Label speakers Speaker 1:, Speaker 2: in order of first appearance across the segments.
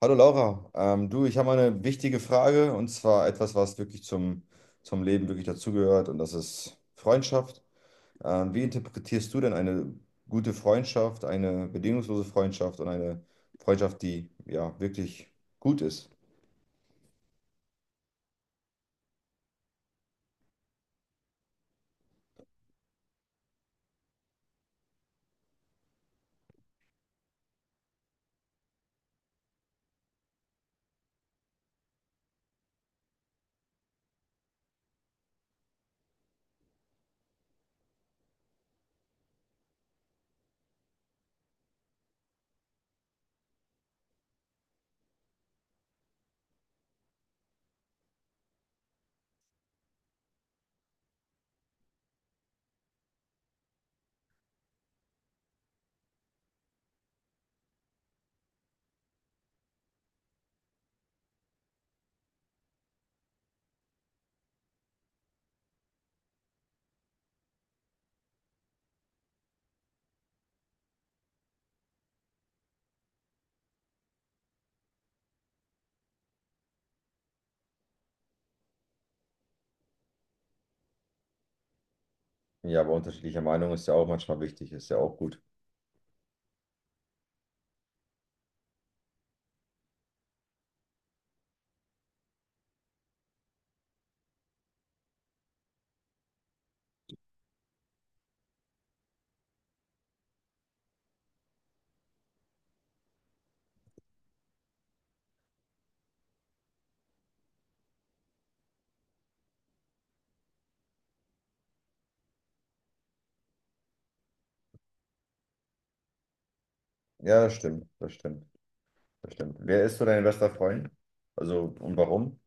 Speaker 1: Hallo Laura, du, ich habe mal eine wichtige Frage und zwar etwas, was wirklich zum Leben wirklich dazugehört, und das ist Freundschaft. Wie interpretierst du denn eine gute Freundschaft, eine bedingungslose Freundschaft und eine Freundschaft, die ja wirklich gut ist? Ja, aber unterschiedlicher Meinung ist ja auch manchmal wichtig, ist ja auch gut. Ja, das stimmt, das stimmt, das stimmt. Wer ist so dein bester Freund? Also, und warum?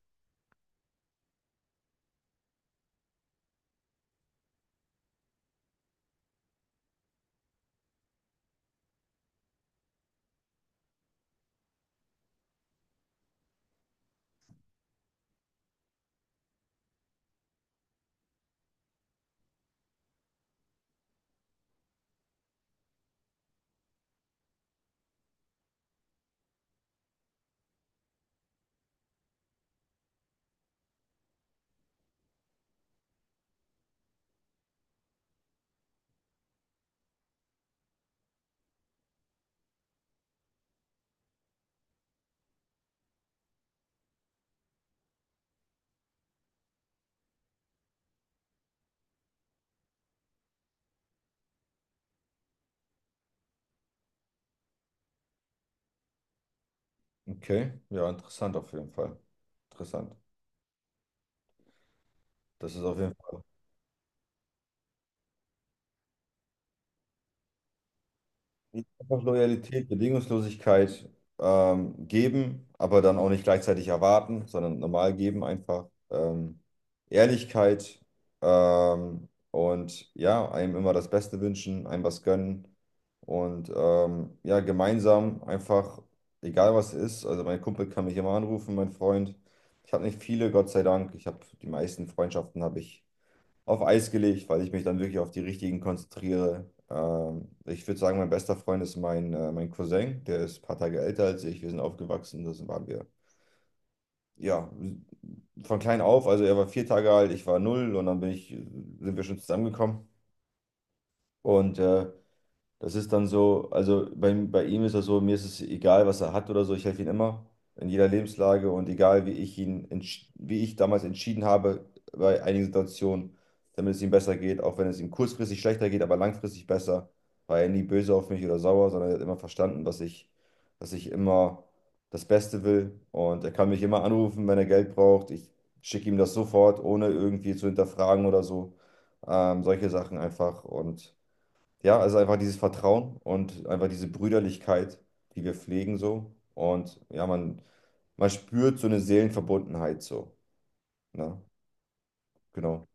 Speaker 1: Okay, ja, interessant auf jeden Fall. Interessant. Das ist auf jeden Fall. Einfach Loyalität, Bedingungslosigkeit, geben, aber dann auch nicht gleichzeitig erwarten, sondern normal geben einfach. Ehrlichkeit, und ja, einem immer das Beste wünschen, einem was gönnen, und ja, gemeinsam einfach, egal was ist, also mein Kumpel kann mich immer anrufen, mein Freund. Ich habe nicht viele, Gott sei Dank. Ich habe die meisten Freundschaften habe ich auf Eis gelegt, weil ich mich dann wirklich auf die richtigen konzentriere. Ich würde sagen, mein bester Freund ist mein, mein Cousin, der ist ein paar Tage älter als ich. Wir sind aufgewachsen, das waren wir. Ja, von klein auf, also er war vier Tage alt, ich war null und dann sind wir schon zusammengekommen. Und das ist dann so, also bei ihm ist das so, mir ist es egal, was er hat oder so, ich helfe ihm immer in jeder Lebenslage, und egal wie ich ihn, wie ich damals entschieden habe bei einigen Situationen, damit es ihm besser geht, auch wenn es ihm kurzfristig schlechter geht, aber langfristig besser, war er nie böse auf mich oder sauer, sondern er hat immer verstanden, was ich, dass ich immer das Beste will, und er kann mich immer anrufen, wenn er Geld braucht. Ich schicke ihm das sofort, ohne irgendwie zu hinterfragen oder so. Solche Sachen einfach, und ja, also einfach dieses Vertrauen und einfach diese Brüderlichkeit, die wir pflegen so. Und ja, man spürt so eine Seelenverbundenheit so. Ne? Genau.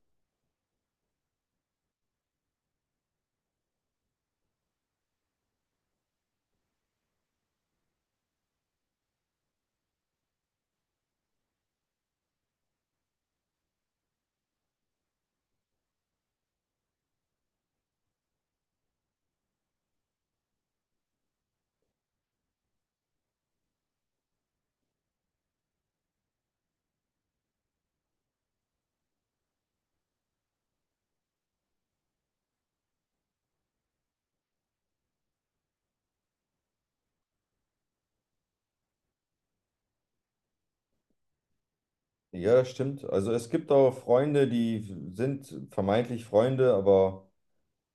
Speaker 1: Ja, das stimmt. Also es gibt auch Freunde, die sind vermeintlich Freunde, aber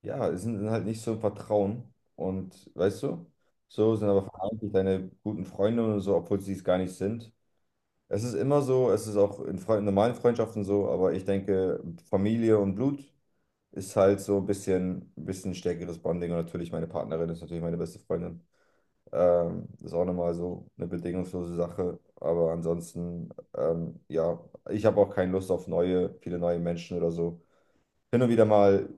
Speaker 1: ja, es sind halt nicht so im Vertrauen. Und weißt du, so sind aber vermeintlich deine guten Freunde und so, obwohl sie es gar nicht sind. Es ist immer so, es ist auch in Fre normalen Freundschaften so, aber ich denke, Familie und Blut ist halt so ein bisschen stärkeres Bonding. Und natürlich meine Partnerin ist natürlich meine beste Freundin. Ist auch nochmal so eine bedingungslose Sache. Aber ansonsten, ja, ich habe auch keine Lust auf neue, viele neue Menschen oder so. Hin und wieder mal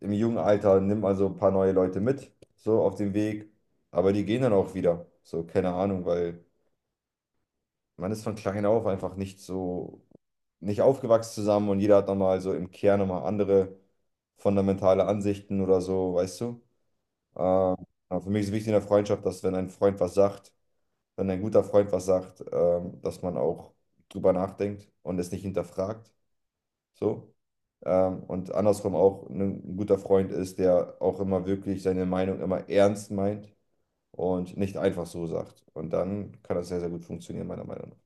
Speaker 1: im jungen Alter nimmt man so ein paar neue Leute mit, so auf dem Weg. Aber die gehen dann auch wieder. So, keine Ahnung, weil man ist von klein auf einfach nicht so, nicht aufgewachsen zusammen, und jeder hat nochmal so im Kern nochmal andere fundamentale Ansichten oder so, weißt du? Ähm, aber für mich ist wichtig in der Freundschaft, dass wenn ein Freund was sagt, wenn ein guter Freund was sagt, dass man auch drüber nachdenkt und es nicht hinterfragt, so. Und andersrum auch, ne, ein guter Freund ist, der auch immer wirklich seine Meinung immer ernst meint und nicht einfach so sagt. Und dann kann das sehr, sehr gut funktionieren, meiner Meinung nach.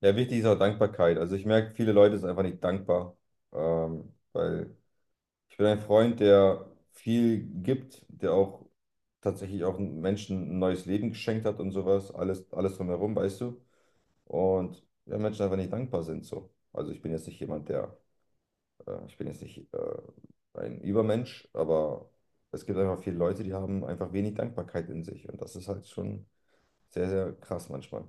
Speaker 1: Ja, wichtig ist auch Dankbarkeit. Also ich merke, viele Leute sind einfach nicht dankbar, weil ich bin ein Freund, der viel gibt, der auch tatsächlich auch Menschen ein neues Leben geschenkt hat und sowas, alles, alles drumherum, weißt du? Und ja, Menschen einfach nicht dankbar sind so. Also ich bin jetzt nicht jemand, ich bin jetzt nicht ein Übermensch, aber es gibt einfach viele Leute, die haben einfach wenig Dankbarkeit in sich, und das ist halt schon sehr, sehr krass manchmal.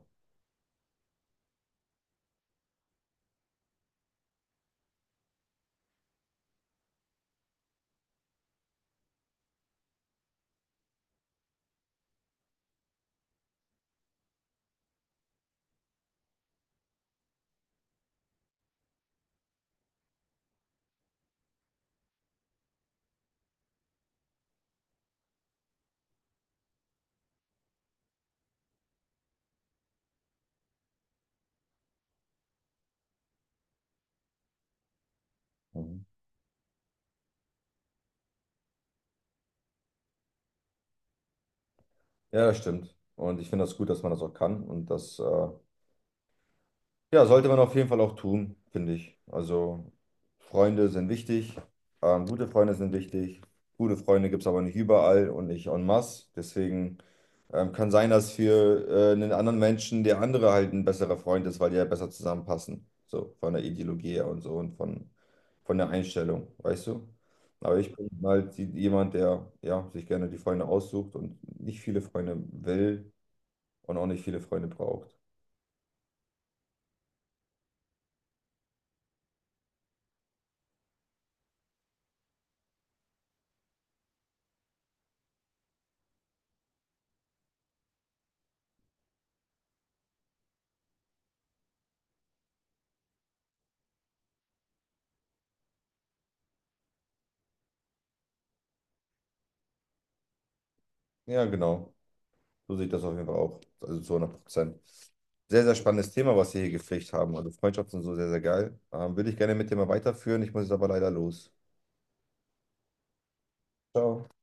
Speaker 1: Mhm. Ja, das stimmt. Und ich finde das gut, dass man das auch kann. Und das, ja, sollte man auf jeden Fall auch tun, finde ich. Also, Freunde sind wichtig. Gute Freunde sind wichtig. Gute Freunde gibt es aber nicht überall und nicht en masse. Deswegen kann sein, dass für einen anderen Menschen der andere halt ein besserer Freund ist, weil die ja besser zusammenpassen. So, von der Ideologie her und so und von der Einstellung, weißt du? Aber ich bin halt jemand, der ja, sich gerne die Freunde aussucht und nicht viele Freunde will und auch nicht viele Freunde braucht. Ja, genau. So sehe ich das auf jeden Fall auch. Also zu 100%. Sehr, sehr spannendes Thema, was wir hier gepflegt haben. Also Freundschaften sind so sehr, sehr geil. Würde ich gerne mit dir mal weiterführen. Ich muss jetzt aber leider los. Ciao.